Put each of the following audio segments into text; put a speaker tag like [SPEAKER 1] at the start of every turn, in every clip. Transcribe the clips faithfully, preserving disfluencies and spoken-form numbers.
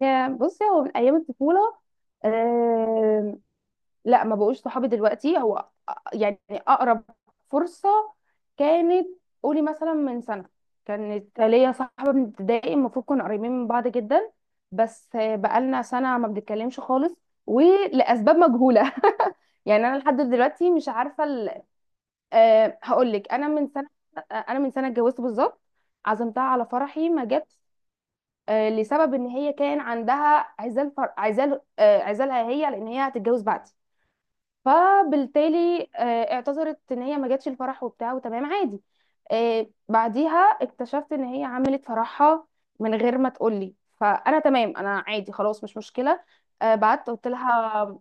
[SPEAKER 1] يا بصي، هو من ايام الطفوله. آم، لا، ما بقوش صحابي دلوقتي. هو أ- يعني اقرب فرصه كانت. قولي مثلا من سنه، كانت ليا صاحبه من ابتدائي، المفروض كنا قريبين من بعض جدا. بس آه، بقالنا سنه ما بنتكلمش خالص، ولاسباب مجهوله. يعني انا لحد دلوقتي مش عارفه ال... أه هقول لك، انا من سنه انا من سنه اتجوزت بالظبط. عزمتها على فرحي ما جت. آه، لسبب ان هي كان عندها عزال فر... عزال، آه، عزالها هي، لان هي هتتجوز بعدي. فبالتالي آه، اعتذرت ان هي ما جاتش الفرح وبتاع، وتمام عادي. آه، بعديها اكتشفت ان هي عملت فرحها من غير ما تقولي، فانا تمام، انا عادي خلاص، مش مشكله. آه، بعت قلت لها.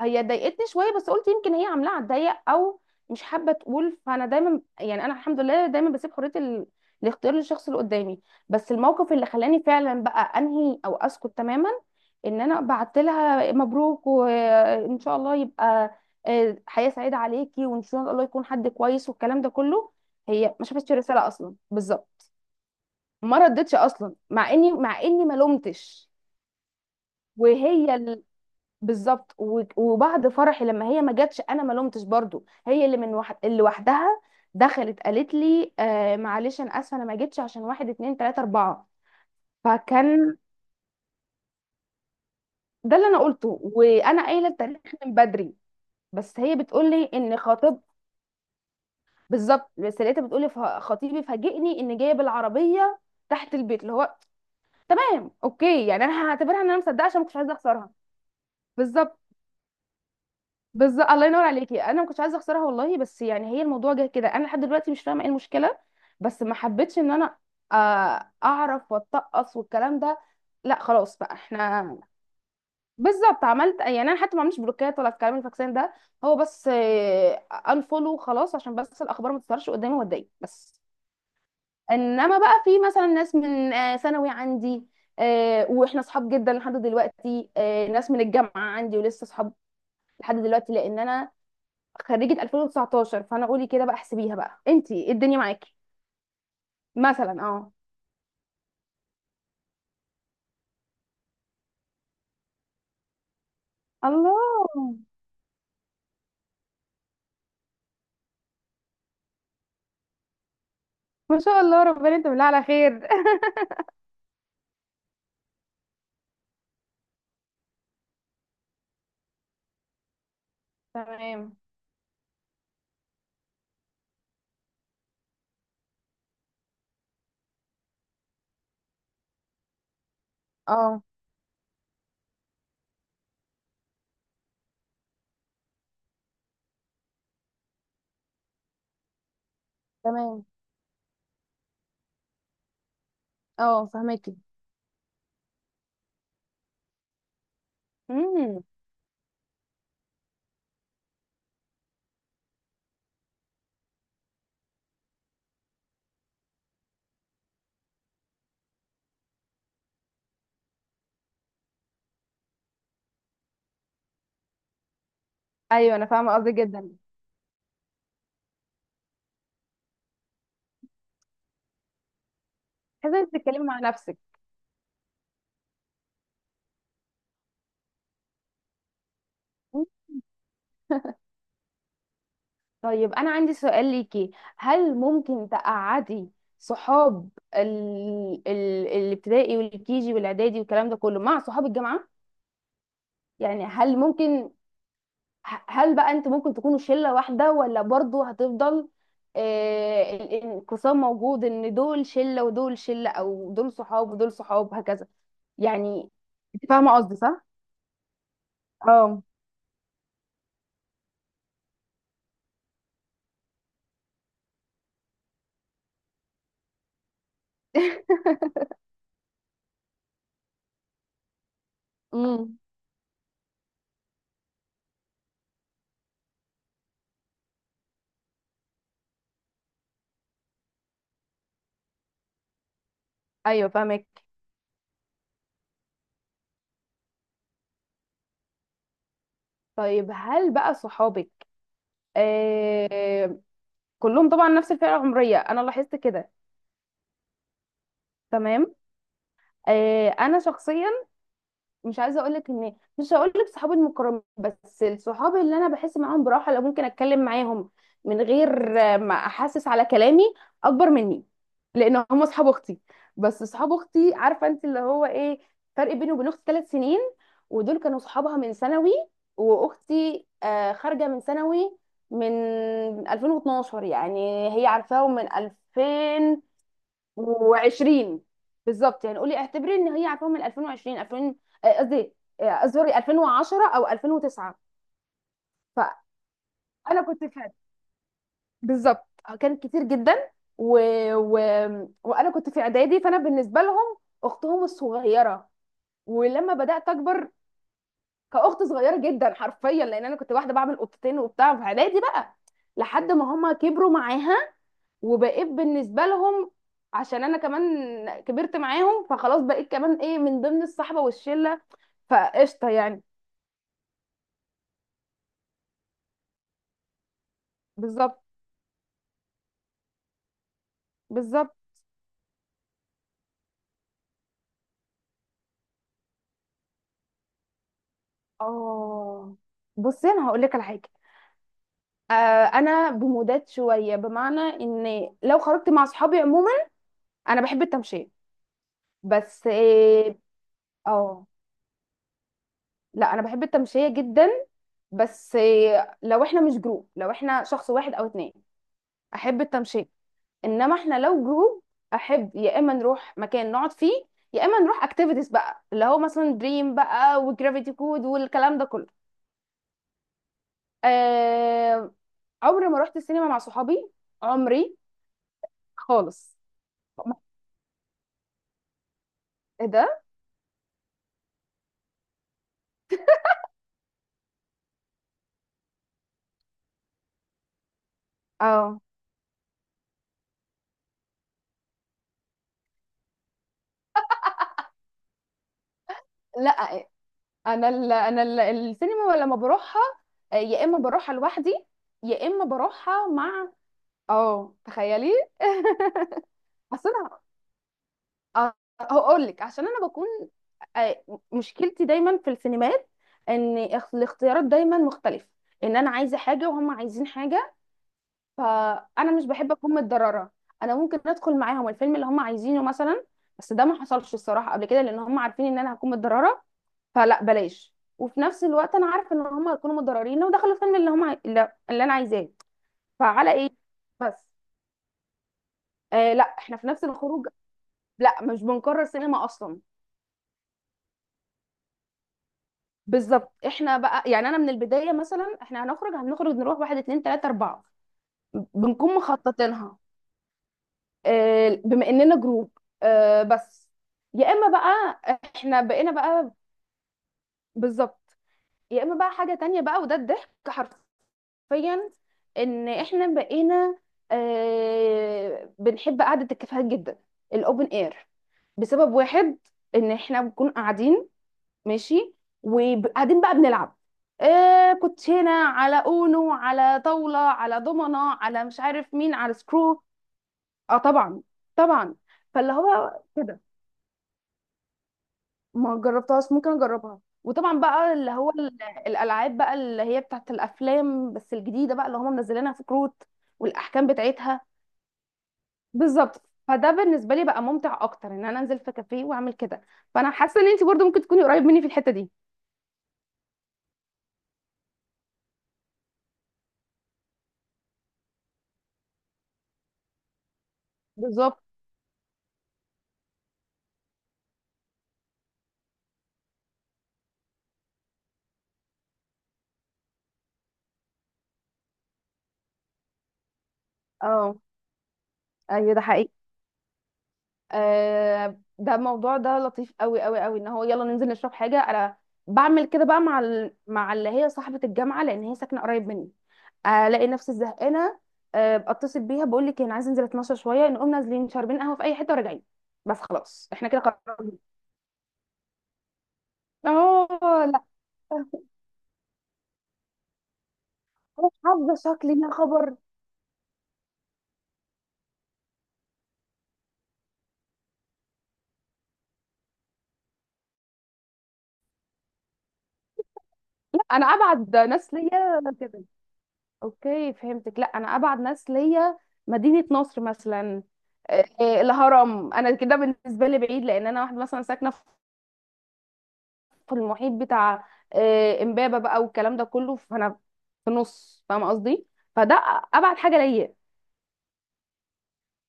[SPEAKER 1] هي ضايقتني شويه، بس قلت يمكن هي عاملاها على الضيق، او مش حابه تقول. فانا دايما، يعني انا الحمد لله دايما بسيب حريه ال... الاختيار للشخص اللي قدامي. بس الموقف اللي خلاني فعلا بقى انهي او اسكت تماما، ان انا بعت لها مبروك وان شاء الله يبقى آه، حياه سعيده عليكي، وان شاء الله يكون حد كويس والكلام ده كله. هي ما شافتش الرساله اصلا بالظبط، ما ردتش اصلا، مع اني مع اني ما لومتش. وهي بالظبط، و- وبعد فرحي لما هي ما جاتش، انا ما لومتش برضو. هي اللي من وح... اللي وحدها دخلت قالت لي آه معلش، انا اسفه انا ما جيتش عشان واحد اتنين تلاته اربعه. فكان ده اللي انا قلته، وانا قايله التاريخ من بدري. بس هي بتقول لي ان خطيب، بالظبط، بس لقيتها بتقول لي ف- خطيبي فاجئني ان جايه بالعربيه تحت البيت، اللي هو تمام اوكي. يعني انا هعتبرها ان انا مصدقه، عشان ما كنتش عايزه اخسرها. بالظبط. بالظبط، الله ينور عليكي، انا ما كنتش عايزه اخسرها والله. بس يعني هي الموضوع جه كده، انا لحد دلوقتي مش فاهمه ايه المشكله. بس ما حبيتش ان انا آه، اعرف واتقص والكلام ده. لا خلاص بقى، احنا بالظبط. عملت، يعني انا حتى ما عملتش بلوكات ولا الكلام الفاكسان ده، هو بس انفولو خلاص، عشان بس الاخبار ما تظهرش قدامي واتضايق بس. انما بقى في مثلا ناس من آه، ثانوي عندي، آه، واحنا اصحاب جدا لحد دلوقتي. آه، ناس من الجامعه عندي ولسه اصحاب لحد دلوقتي، لان انا خريجة ألفين وتسعتاشر. فانا قولي كده بقى، احسبيها بقى انتي إيه الدنيا معاكي. مثلا اه. الله، ما شاء الله، ربنا انت بالله على خير. تمام. اه تمام، اه فهماكي. امم. ايوه انا فاهمه قصدك جدا. حاسه انك بتتكلمي مع نفسك. مم. طيب انا عندي سؤال ليكي. هل ممكن تقعدي صحاب ال... ال... الابتدائي والكيجي والاعدادي والكلام ده كله مع صحاب الجامعه؟ يعني هل ممكن ه- هل بقى انتوا ممكن تكونوا شلة واحدة، ولا برضو هتفضل آه، الانقسام موجود، ان دول شلة ودول شلة، او دول صحاب ودول صحاب، هكذا؟ يعني، انت فاهمة قصدي صح؟ اه. امم. ايوه فاهمك. طيب هل بقى صحابك آه كلهم طبعا نفس الفئه العمريه، انا لاحظت كده. تمام. آه، انا شخصيا مش عايزه اقول لك ان مش هقول لك صحابي المقربين، بس الصحاب اللي انا بحس معاهم براحه، لو ممكن اتكلم معاهم من غير ما احسس على كلامي، اكبر مني، لان هم اصحاب اختي. بس اصحاب اختي، عارفه انت اللي هو ايه. فرق بيني وبين اختي ثلاث سنين، ودول كانوا صحابها من ثانوي. واختي آه، خارجه من ثانوي من ألفين واتناشر. يعني هي عارفاهم من ألفين وعشرين. بالظبط، يعني قولي اعتبري ان هي عارفه من ألفين وعشرين، ألفين، آه، قصدي آه، اعذري ألفين وعشرة او ألفين وتسعة. فانا كنت في، بالظبط، كان كتير جدا. و... و... وانا كنت في اعدادي، فانا بالنسبه لهم اختهم الصغيره. ولما بدات اكبر كاخت صغيره جدا حرفيا، لان انا كنت واحده بعمل قطتين وبتاع في اعدادي بقى، لحد ما هما كبروا معاها، وبقيت بالنسبه لهم، عشان انا كمان كبرت معاهم، فخلاص بقيت كمان ايه من ضمن الصحبه والشله، فقشطه يعني. بالظبط. بالظبط. اه بصي انا هقول لك على حاجه. آه، انا بمودات شويه، بمعنى ان لو خرجت مع صحابي عموما، انا بحب التمشيه. بس اه آه، لا انا بحب التمشيه جدا، بس آه، لو احنا مش جروب، لو احنا شخص واحد او اتنين، احب التمشيه. انما احنا لو جروب، احب يا اما نروح مكان نقعد فيه، يا اما نروح اكتيفيتيز بقى، اللي هو مثلا دريم بقى وجرافيتي كود والكلام ده كله. آه... عمري ما رحت السينما مع صحابي. عمري خالص. ايه ده؟ اه لا، انا ال... انا ال... السينما لما بروحها، آه، يا اما بروحها لوحدي، يا اما بروحها مع، اه تخيلي. حسنا أ- هقول لك، عشان انا بكون آه، مشكلتي دايما في السينمات، ان اخ- الاختيارات دايما مختلفه، ان انا عايزه حاجه وهم عايزين حاجه، فانا مش بحب اكون متضرره. انا ممكن ادخل معاهم الفيلم اللي هم عايزينه مثلا، بس ده ما حصلش الصراحه قبل كده، لان هم عارفين ان انا هكون متضرره، فلا بلاش. وفي نفس الوقت انا عارفه ان هم هيكونوا متضررين لو دخلوا الفيلم اللي هم عاي- اللي اللي انا عايزاه. فعلى ايه؟ بس آه لا احنا في نفس الخروج. لا مش بنكرر سينما اصلا. بالظبط. احنا بقى يعني انا من البدايه مثلا، احنا هنخرج، هنخرج نروح واحد اتنين تلاته اربعه، بنكون مخططينها. آه، بما اننا جروب. آه، بس يا اما بقى احنا بقينا بقى، بالظبط، يا اما بقى حاجه تانية بقى، وده الضحك حرفيا. ان احنا بقينا آه، بنحب قعده الكافيهات جدا، الاوبن اير، بسبب واحد، ان احنا بنكون قاعدين ماشي، وقاعدين بقى بنلعب آه كنت هنا على اونو، على طاولة، على دومنة، على مش عارف مين، على سكرو. اه طبعا، طبعا. فاللي هو كده، ما جربتهاش ممكن اجربها. وطبعا بقى اللي هو ال- الالعاب بقى اللي هي بتاعت الافلام، بس الجديده بقى اللي هم منزلينها في كروت والاحكام بتاعتها. بالظبط. فده بالنسبه لي بقى ممتع اكتر، ان انا انزل في كافيه واعمل كده. فانا حاسه ان انت برضو ممكن تكوني قريب مني في الحته دي. بالظبط. اه. ايوه ده حقيقي. آه، ده الموضوع ده لطيف قوي قوي قوي، ان هو يلا ننزل نشرب حاجه. انا بعمل كده بقى مع ال... مع اللي هي صاحبه الجامعه، لان هي ساكنه قريب مني. الاقي نفسي زهقانه، آه اتصل بيها بقول لك إيه، انا عايزه انزل اتمشى شويه. نقوم نازلين شاربين قهوه في اي حته وراجعين. بس خلاص احنا كده قررنا. اه لا مش حافظه شكلي يا خبر. لا انا ابعد ناس ليا كده. اوكي فهمتك. لا انا ابعد ناس ليا مدينة نصر مثلا، آه، آه، الهرم. انا كده بالنسبة لي بعيد، لان انا واحدة مثلا ساكنة في المحيط بتاع آه، امبابة بقى والكلام ده كله، فانا في نص، فاهمة قصدي. فده ابعد حاجة ليا.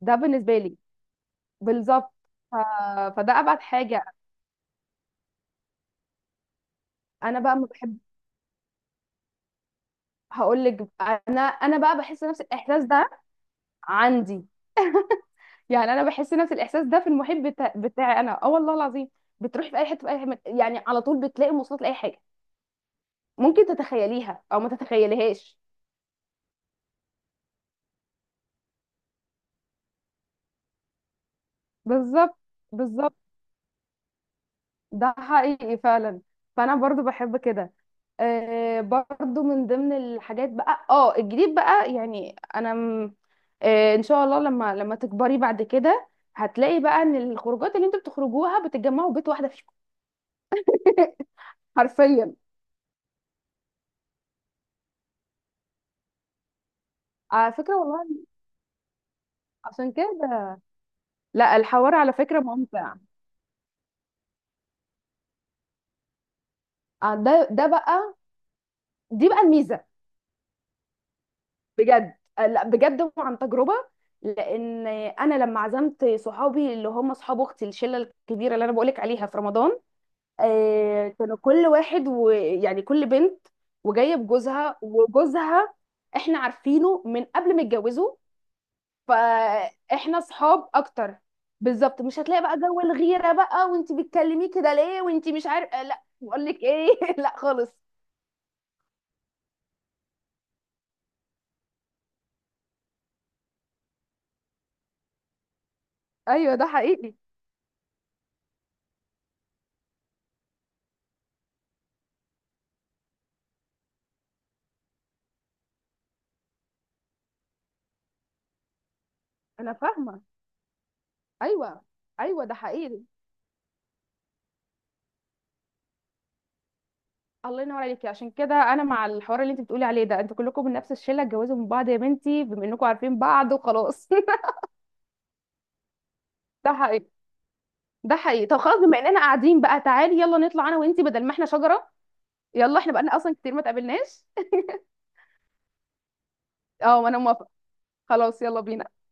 [SPEAKER 1] ده بالنسبة لي. بالظبط، ف- فده ابعد حاجة. انا بقى ما بحب، هقول لك انا انا بقى بحس نفس الاحساس ده عندي. يعني انا بحس نفس الاحساس ده في المحيط بتا... بتاعي انا، اه والله العظيم. بتروحي في اي حته، في اي حته، يعني على طول بتلاقي مواصلات لاي حاجه. ممكن تتخيليها او ما تتخيليهاش. بالظبط. بالظبط، ده حقيقي فعلا. فانا برضو بحب كده. آه، برضو من ضمن الحاجات بقى، اه الجديد بقى يعني انا م... آه ان شاء الله لما لما تكبري بعد كده، هتلاقي بقى ان الخروجات اللي انتوا بتخرجوها بتتجمعوا بيت واحده فيكم. حرفيا. على فكره والله، عشان كده. لا الحوار على فكرة ممتع. آه، ده ده بقى، دي بقى الميزة. بجد آه، لا بجد وعن تجربة. لأن أنا لما عزمت صحابي اللي هم صحاب أختي، الشلة الكبيرة اللي أنا بقولك عليها في رمضان، آه، كانوا كل واحد ويعني كل بنت وجاية بجوزها، وجوزها إحنا عارفينه من قبل ما يتجوزوا. فإحنا صحاب أكتر. بالظبط، مش هتلاقي بقى جو الغيرة بقى، وانتي بتكلميه كده ليه، وانتي مش عارف آه، لا بقول لك ايه. لا خالص. ايوه ده حقيقي. انا فاهمه. ايوه ايوه ده حقيقي. الله ينور عليكي، عشان كده انا مع الحوار اللي انت بتقولي عليه ده. انتوا كلكم من نفس الشله اتجوزوا من بعض يا بنتي، بما انكم عارفين بعض وخلاص. ده حقيقي. ده حقيقي. طب خلاص، بما اننا قاعدين بقى، تعالي يلا نطلع انا وانتي، بدل ما احنا شجره. يلا، احنا بقالنا اصلا كتير ما اتقابلناش. اه انا موافقه. خلاص يلا بينا.